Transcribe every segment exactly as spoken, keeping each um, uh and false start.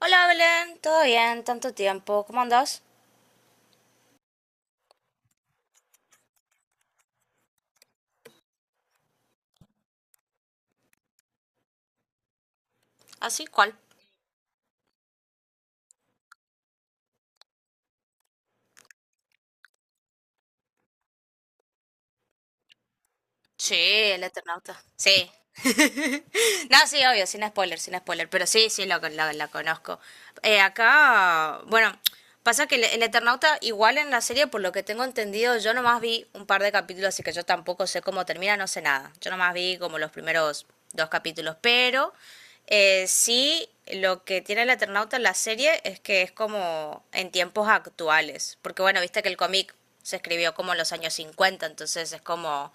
Hola, Belén, ¿todo bien? Tanto tiempo, ¿cómo andás? ¿Así cual? Sí, el Eternauta. Sí. No, sí, obvio, sin spoiler, sin spoiler. Pero sí, sí, la, la, la conozco. Eh, acá, bueno, pasa que el, el Eternauta, igual en la serie, por lo que tengo entendido, yo nomás vi un par de capítulos, así que yo tampoco sé cómo termina, no sé nada. Yo nomás vi como los primeros dos capítulos, pero eh, sí, lo que tiene el Eternauta en la serie es que es como en tiempos actuales, porque bueno, viste que el cómic se escribió como en los años cincuenta, entonces es como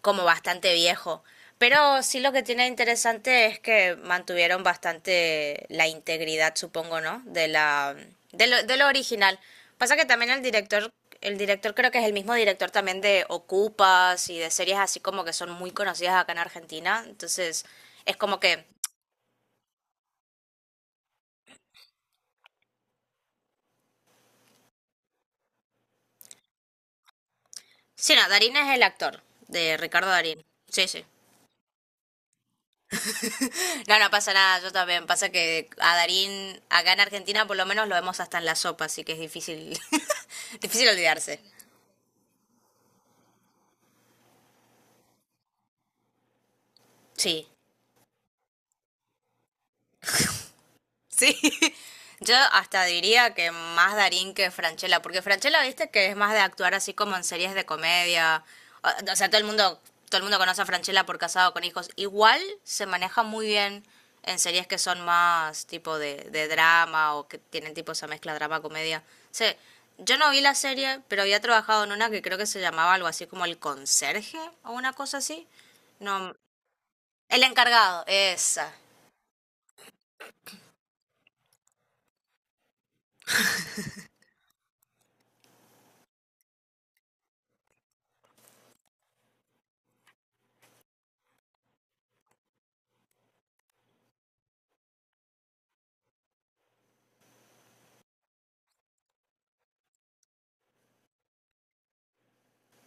como bastante viejo. Pero sí, lo que tiene interesante es que mantuvieron bastante la integridad, supongo, ¿no? De la de lo, de lo original. Pasa que también el director, el director creo que es el mismo director también de Ocupas y de series así como que son muy conocidas acá en Argentina. Entonces, es como que sí, no, Darín es el actor de Ricardo Darín. Sí, sí. No, no pasa nada, yo también. Pasa que a Darín acá en Argentina por lo menos lo vemos hasta en la sopa, así que es difícil difícil olvidarse. Sí, sí. Yo hasta diría que más Darín que Franchella, porque Franchella, viste, que es más de actuar así como en series de comedia. O o sea, todo el mundo, todo el mundo conoce a Franchella por Casado con Hijos. Igual se maneja muy bien en series que son más tipo de, de drama o que tienen tipo esa mezcla drama-comedia. Sí, yo no vi la serie, pero había trabajado en una que creo que se llamaba algo así como El Conserje o una cosa así. No, El Encargado, esa,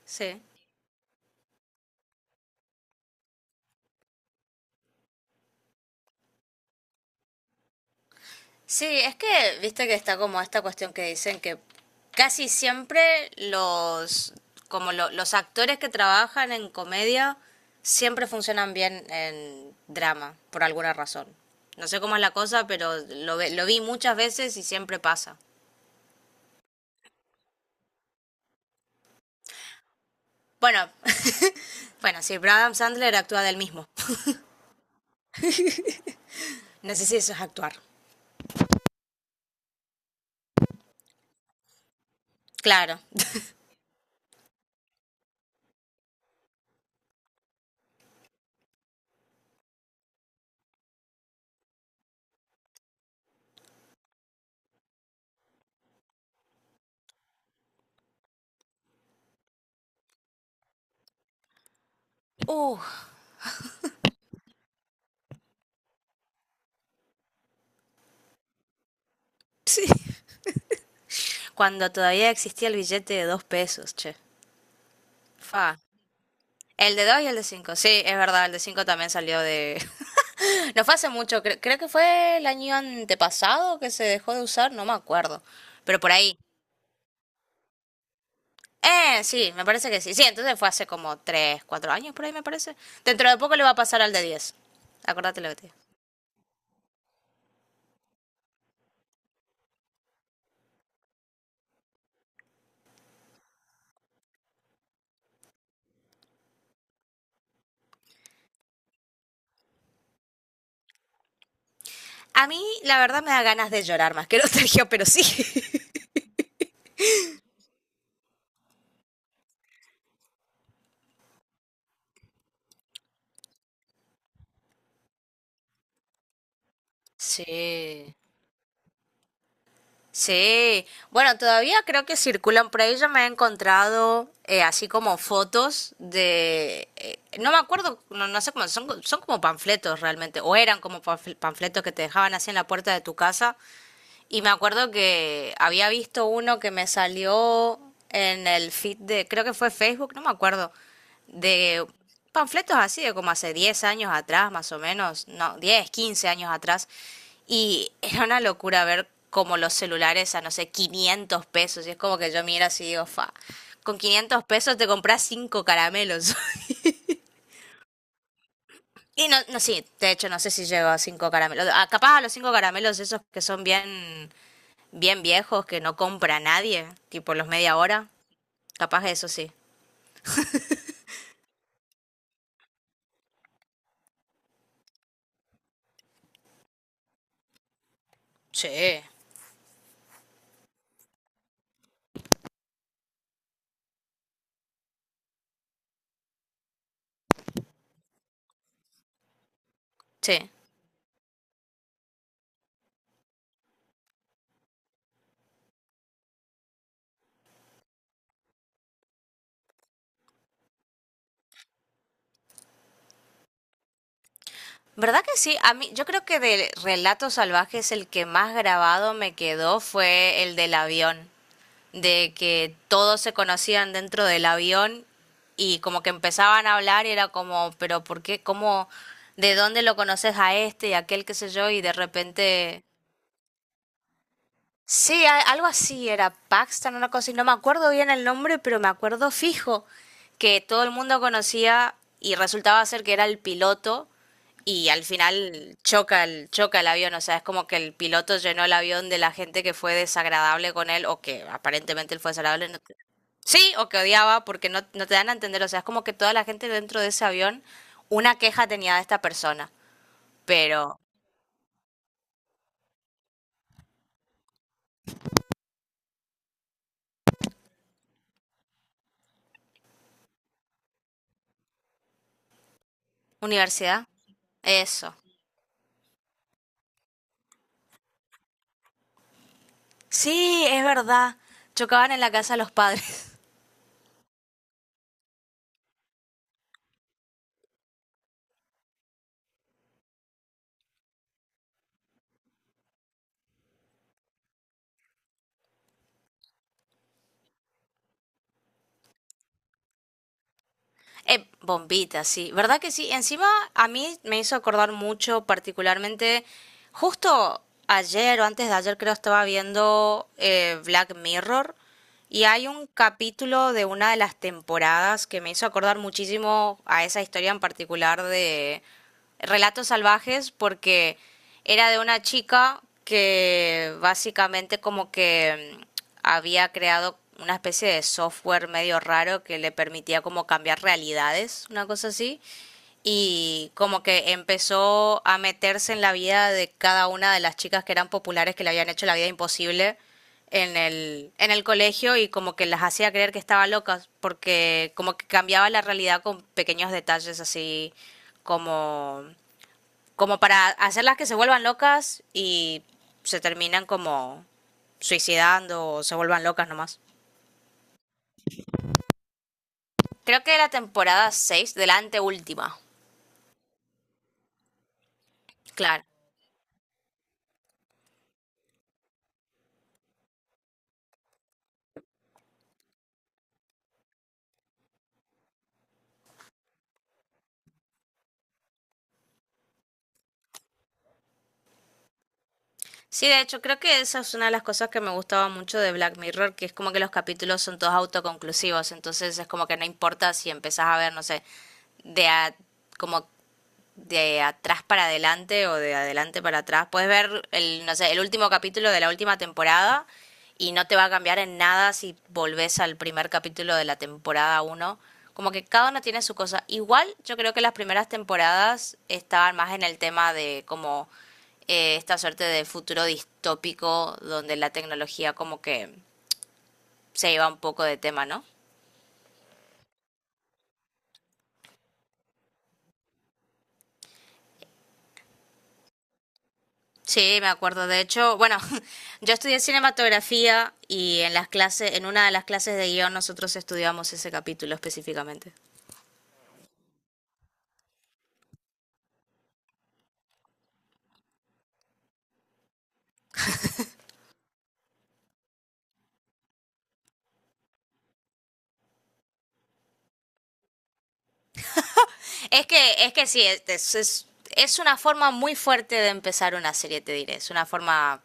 sí. Sí, es que viste que está como esta cuestión que dicen que casi siempre los como lo- los actores que trabajan en comedia siempre funcionan bien en drama por alguna razón. No sé cómo es la cosa, pero lo, ve- lo vi muchas veces y siempre pasa. Bueno, bueno, sí, pero Adam Sandler actúa del mismo. No sé si eso es actuar. Claro. Uh, sí. Cuando todavía existía el billete de dos pesos, che. Fa. El de dos y el de cinco, sí, es verdad, el de cinco también salió de... No fue hace mucho, cre- creo que fue el año antepasado que se dejó de usar, no me acuerdo, pero por ahí. Eh, sí, me parece que sí. Sí, entonces fue hace como tres cuatro años por ahí, me parece. Dentro de poco le va a pasar al de diez. Acordate lo que te digo. A mí, la verdad, me da ganas de llorar más que nostalgia, pero sí. Sí. Sí, bueno, todavía creo que circulan por ahí. Yo me he encontrado eh, así como fotos de, eh, no me acuerdo, no, no sé cómo son, son como panfletos realmente, o eran como panfl- panfletos que te dejaban así en la puerta de tu casa, y me acuerdo que había visto uno que me salió en el feed de, creo que fue Facebook, no me acuerdo, de panfletos así de como hace diez años atrás, más o menos, no, diez quince años atrás. Y era una locura ver como los celulares a, no sé, quinientos pesos. Y es como que yo miro así y digo, fa, con quinientos pesos te compras cinco caramelos. Y no, no, sí, de hecho no sé si llego a cinco caramelos. Ah, capaz a los cinco caramelos esos que son bien bien viejos que no compra nadie, tipo los media hora, capaz que eso sí. Sí. Sí. ¿Verdad que sí? A mí, yo creo que de Relatos Salvajes el que más grabado me quedó fue el del avión, de que todos se conocían dentro del avión y como que empezaban a hablar y era como, pero ¿por qué? ¿Cómo? ¿De dónde lo conoces a este y aquel qué sé yo? Y de repente. Sí, a- algo así era Paxton, una cosa, y no me acuerdo bien el nombre, pero me acuerdo fijo que todo el mundo conocía y resultaba ser que era el piloto y al final choca el, choca el avión, o sea, es como que el piloto llenó el avión de la gente que fue desagradable con él o que aparentemente él fue desagradable. No te- Sí, o que odiaba porque no, no te dan a entender, o sea, es como que toda la gente dentro de ese avión una queja tenía de esta persona, pero universidad, eso. Sí, es verdad. Chocaban en la casa de los padres. Eh, bombita, sí. ¿Verdad que sí? Encima a mí me hizo acordar mucho, particularmente, justo ayer o antes de ayer creo estaba viendo eh, Black Mirror y hay un capítulo de una de las temporadas que me hizo acordar muchísimo a esa historia en particular de Relatos Salvajes porque era de una chica que básicamente como que mm, había creado una especie de software medio raro que le permitía como cambiar realidades, una cosa así, y como que empezó a meterse en la vida de cada una de las chicas que eran populares, que le habían hecho la vida imposible en el, en el, colegio, y como que las hacía creer que estaba locas, porque como que cambiaba la realidad con pequeños detalles así como, como para hacerlas que se vuelvan locas, y se terminan como suicidando o se vuelvan locas nomás. Creo que era la temporada seis, de la anteúltima. Claro. Sí, de hecho, creo que esa es una de las cosas que me gustaba mucho de Black Mirror, que es como que los capítulos son todos autoconclusivos, entonces es como que no importa si empezás a ver, no sé, de a como de atrás para adelante o de adelante para atrás. Puedes ver el, no sé, el último capítulo de la última temporada, y no te va a cambiar en nada si volvés al primer capítulo de la temporada uno. Como que cada uno tiene su cosa. Igual yo creo que las primeras temporadas estaban más en el tema de como eh, esta suerte de futuro distópico donde la tecnología como que se iba un poco de tema, ¿no? Sí, me acuerdo. De hecho, bueno, yo estudié cinematografía, y en las clases, en una de las clases de guión nosotros estudiamos ese capítulo específicamente. Es que, es que sí, es, es, es una forma muy fuerte de empezar una serie, te diré. Es una forma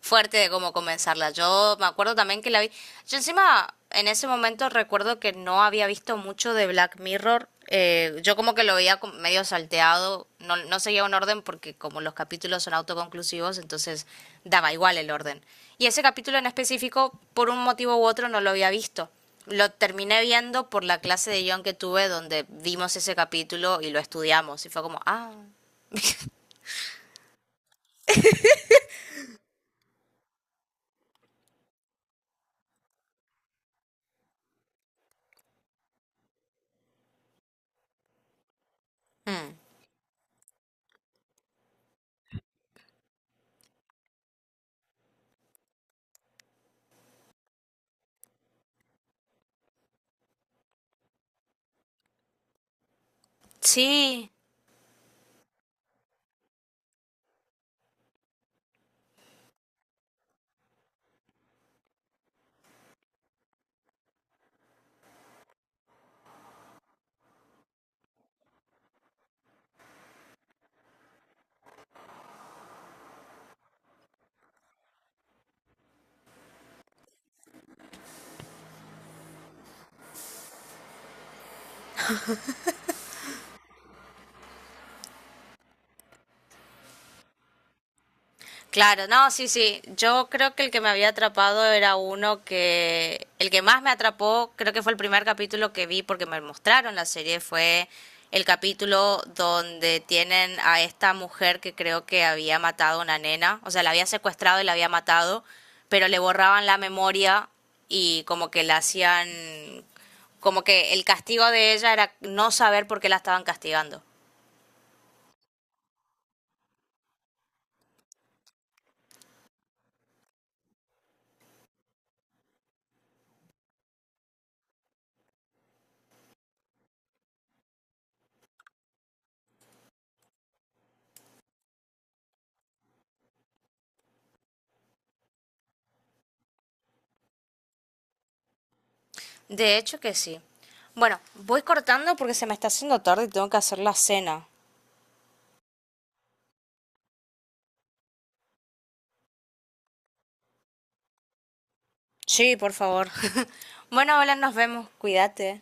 fuerte de cómo comenzarla. Yo me acuerdo también que la vi. Yo encima en ese momento recuerdo que no había visto mucho de Black Mirror. Eh, yo como que lo veía como medio salteado, no, no seguía un orden, porque como los capítulos son autoconclusivos, entonces daba igual el orden. Y ese capítulo en específico, por un motivo u otro, no lo había visto. Lo terminé viendo por la clase de guión que tuve, donde vimos ese capítulo y lo estudiamos. Y fue como, ah, mm, sí, claro, no, sí, sí. Yo creo que el que me había atrapado era uno que... El que más me atrapó, creo que fue el primer capítulo que vi porque me mostraron la serie, fue el capítulo donde tienen a esta mujer que creo que había matado a una nena, o sea, la había secuestrado y la había matado, pero le borraban la memoria y como que la hacían... Como que el castigo de ella era no saber por qué la estaban castigando. De hecho que sí. Bueno, voy cortando porque se me está haciendo tarde y tengo que hacer la cena. Sí, por favor. Bueno, hola, nos vemos. Cuídate.